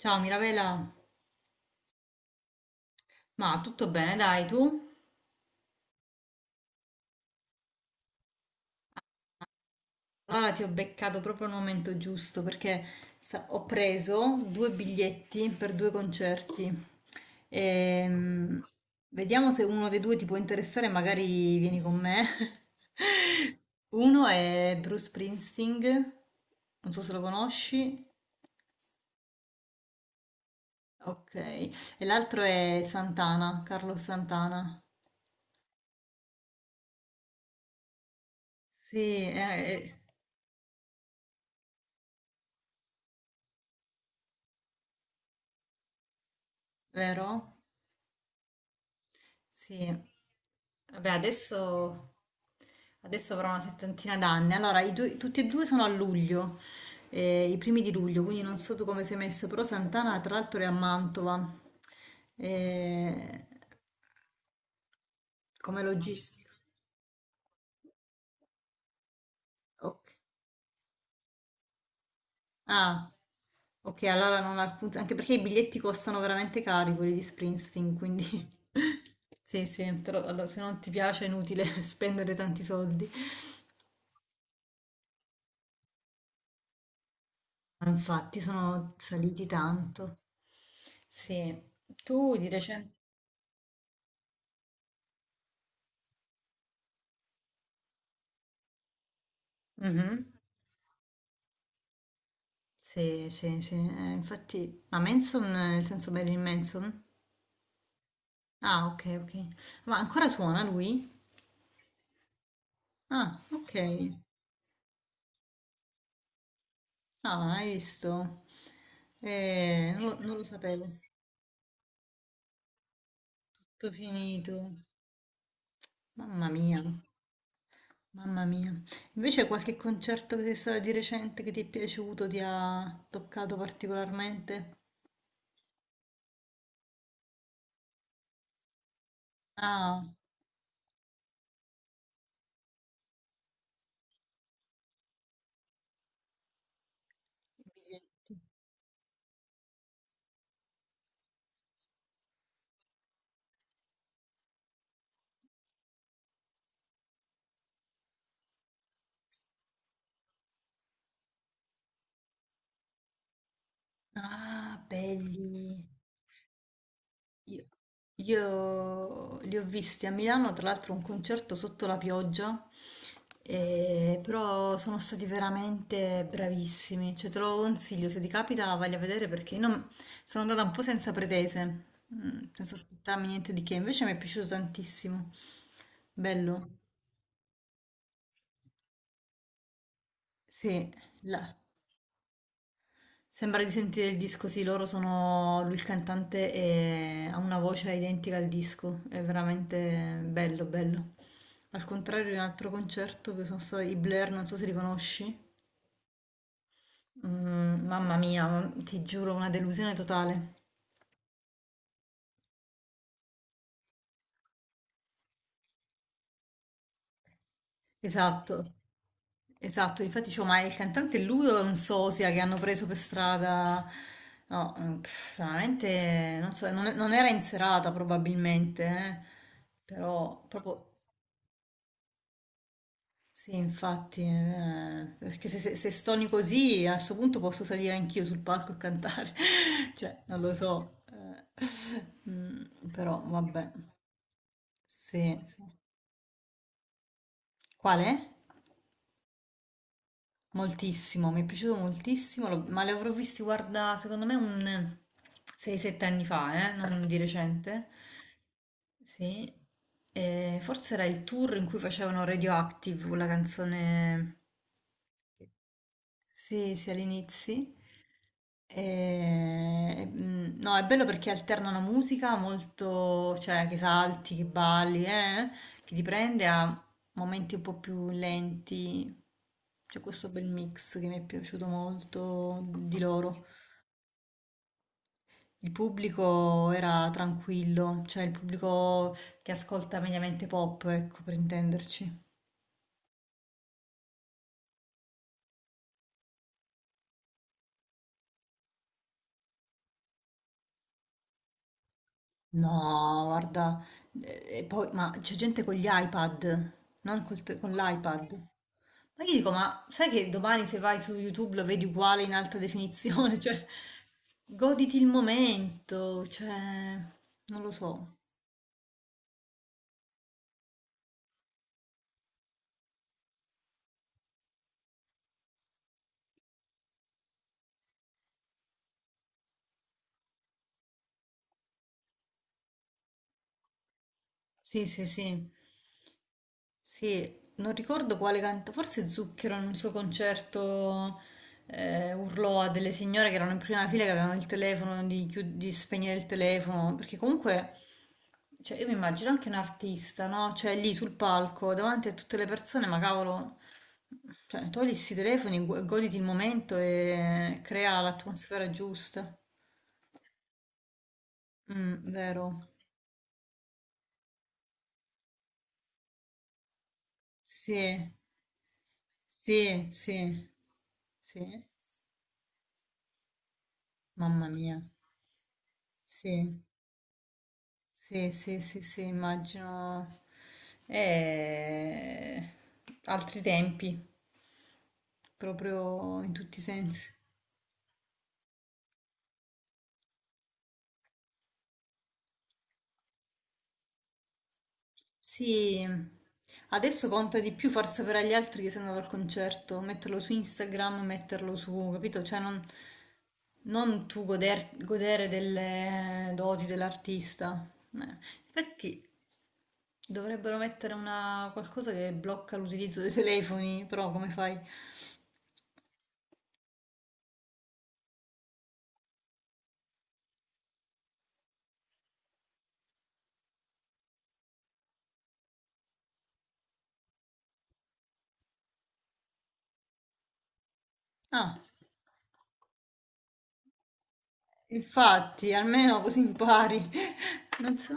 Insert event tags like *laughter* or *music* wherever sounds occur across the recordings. Ciao Mirabella, ma tutto bene, dai tu? Allora ti ho beccato proprio al momento giusto perché ho preso due biglietti per due concerti. Ehm, vediamo se uno dei due ti può interessare, magari vieni con me. *laughs* Uno è Bruce Springsteen, non so se lo conosci. Ok, e l'altro è Santana, Carlos Santana. Sì, è. Vero? Sì. Vabbè, adesso avrò una settantina d'anni. Allora, tutti e due sono a luglio, i primi di luglio, quindi non so tu come sei messo, però Santana tra l'altro è a Mantova, eh, come logistica. Ok. Ah, ok, allora non ha alcun... anche perché i biglietti costano veramente cari, quelli di Springsteen, quindi... *laughs* Sì, sì, allora, se non ti piace è inutile *laughs* spendere tanti soldi. Ma infatti sono saliti tanto. Sì, tu di recente... Mhm. Sì, sì, sì. Infatti, ma Manson, nel senso Marilyn Manson? Ah, ok, ok. Ma ancora suona lui? Ah, ok. Ah, hai visto? Non lo sapevo. Tutto finito. Mamma mia, mamma mia. Invece qualche concerto che sei stato di recente che ti è piaciuto, ti ha toccato particolarmente? Ah, i biglietti. Ah, belli. Io, io li ho visti a Milano, tra l'altro un concerto sotto la pioggia, però sono stati veramente bravissimi. Cioè, te lo consiglio, se ti capita, vai a vedere perché non- sono andata un po' senza pretese, senza aspettarmi niente di che. Invece mi è piaciuto tantissimo. Bello. Sì, sembra di sentire il disco, sì, loro sono lui il cantante e ha una voce identica al disco, è veramente bello, bello. Al contrario di un altro concerto che sono stati i Blair, non so se li conosci. Mm, mamma mia, ti giuro, una delusione totale. Esatto, esatto, infatti dicevo, ma il cantante è lui o è un sosia che hanno preso per strada? No, mm, pff, veramente, non so, non, non era in serata probabilmente, eh. Però proprio... Sì, infatti, perché se stoni così a questo punto posso salire anch'io sul palco e cantare, *laughs* cioè non lo so, mm, però vabbè, sì, sì. Qual è? Moltissimo, mi è piaciuto moltissimo, ma li avrò visti, guarda, secondo me un 6-7 anni fa, non di recente, sì, e forse era il tour in cui facevano Radioactive, quella canzone... Sì, sì, all'inizio. E, mm, no, è bello perché alternano musica molto, cioè che salti, che balli, che ti prende a momenti un po' più lenti. C'è questo bel mix che mi è piaciuto molto di loro. Il pubblico era tranquillo, cioè il pubblico che ascolta mediamente pop, ecco, per intenderci. No, guarda, e poi, ma c'è gente con gli iPad, non col te- con l'iPad. Ma io dico, ma sai che domani se vai su YouTube lo vedi uguale in alta definizione? *laughs* Cioè, goditi il momento, cioè, non lo so. Sì, sì, sì, sì, non ricordo quale canta, forse Zucchero in un suo concerto urlò a delle signore che erano in prima fila che avevano il telefono, di spegnere il telefono, perché comunque... Cioè, io mi immagino anche un artista, no? Cioè, lì sul palco, davanti a tutte le persone, ma cavolo, cioè, togli sti telefoni, goditi il momento e crea l'atmosfera giusta. Mm, vero? Sì, sì, sì, sì. Mamma mia. Sì, sì, sì, sì, sì, immagino. Eh, altri tempi, proprio in tutti i sensi. Sì, adesso conta di più far sapere agli altri che sei andato al concerto, metterlo su Instagram, metterlo su, capito? Non tu godere delle doti dell'artista. Eh, Infatti dovrebbero mettere una qualcosa che blocca l'utilizzo dei telefoni, però come fai? Ah, infatti, almeno così impari. *laughs* Non so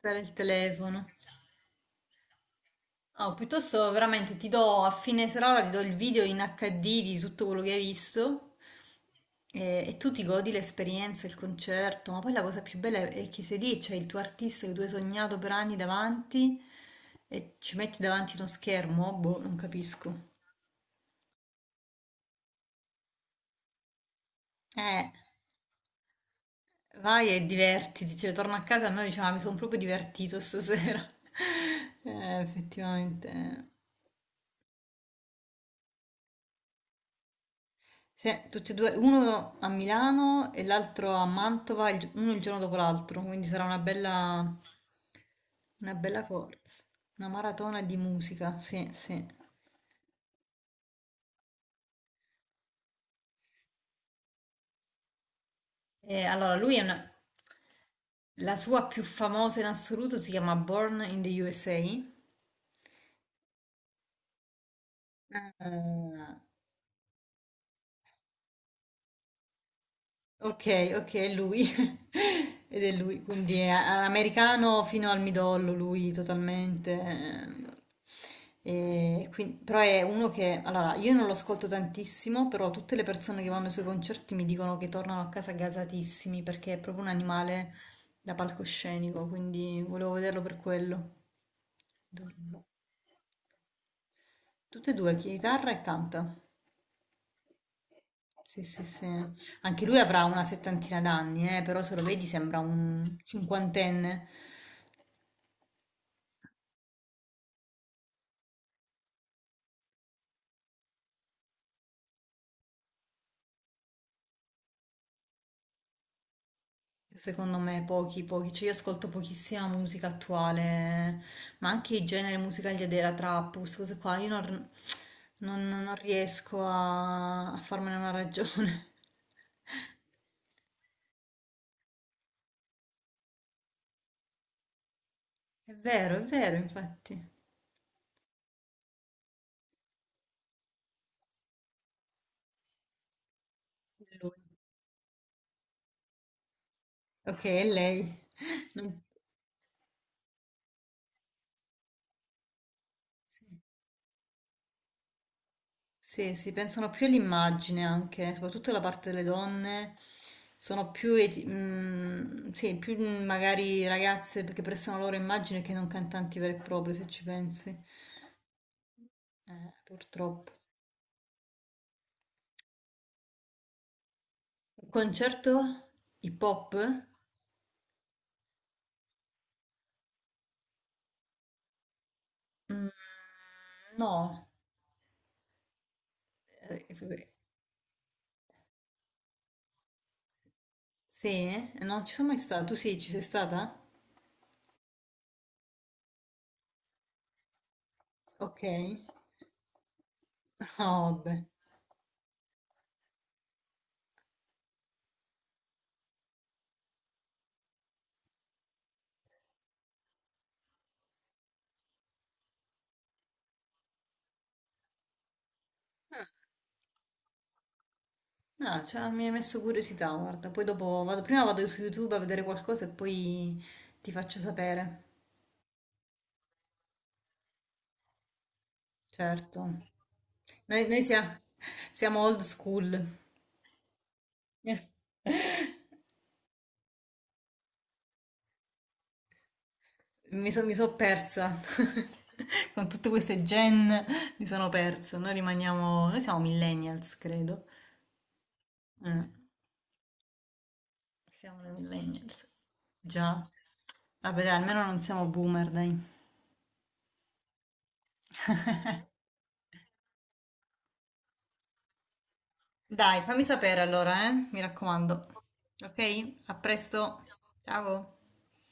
usare il telefono. Oh, piuttosto veramente ti do a fine serata, ti do il video in HD di tutto quello che hai visto e tu ti godi l'esperienza, il concerto, ma poi la cosa più bella è che sei lì, e c'è il tuo artista che tu hai sognato per anni davanti e ci metti davanti uno schermo, boh, non capisco. Eh, vai e divertiti, cioè torno a casa e a me diceva, mi sono proprio divertito stasera. *laughs* Effettivamente. Tutti e due, uno a Milano e l'altro a Mantova, uno il giorno dopo l'altro, quindi sarà una bella corsa, una maratona di musica, sì, sì. Allora, la sua più famosa in assoluto si chiama Born in the USA. Eh, Okay, okay, è lui. *laughs* Ed è lui, quindi è a americano fino al midollo lui totalmente. E quindi, però è uno che, allora, io non lo ascolto tantissimo, però tutte le persone che vanno ai suoi concerti mi dicono che tornano a casa gasatissimi perché è proprio un animale da palcoscenico, quindi volevo vederlo per quello. Tutte e due, chitarra e canta. Sì, sì, sì. Anche lui avrà una settantina d'anni, però se lo vedi sembra un cinquantenne. Secondo me pochi, pochi. Cioè io ascolto pochissima musica attuale, ma anche i generi musicali della trap, queste cose qua, io non, non- non riesco a, a farmene una ragione. *laughs* È vero, infatti. È lui. Ok, è lei. *laughs* Non, sì. Sì, si pensano più all'immagine anche, soprattutto la parte delle donne, sono più, sì, più mm, magari ragazze che prestano la loro immagine che non cantanti veri e propri, se ci pensi. Purtroppo. Un concerto hip hop? Mm, no. Eh, sì, non ci sono mai stata. Tu sì, ci sei stata? Ok. *laughs* Oh, vabbè. No, cioè, mi hai messo curiosità, guarda. Poi dopo vado, prima vado su YouTube a vedere qualcosa e poi ti faccio sapere. Certo. Noi, noi sia- Siamo old school. *laughs* Eh. Mi so persa. *laughs* Con tutte queste gen mi sono persa. Noi rimaniamo... Noi siamo millennials, credo. Eh, siamo dei millennials. Già. Vabbè, dai, almeno non siamo boomer, dai. Dai, fammi sapere allora, eh? Mi raccomando. Ok? A presto. Ciao.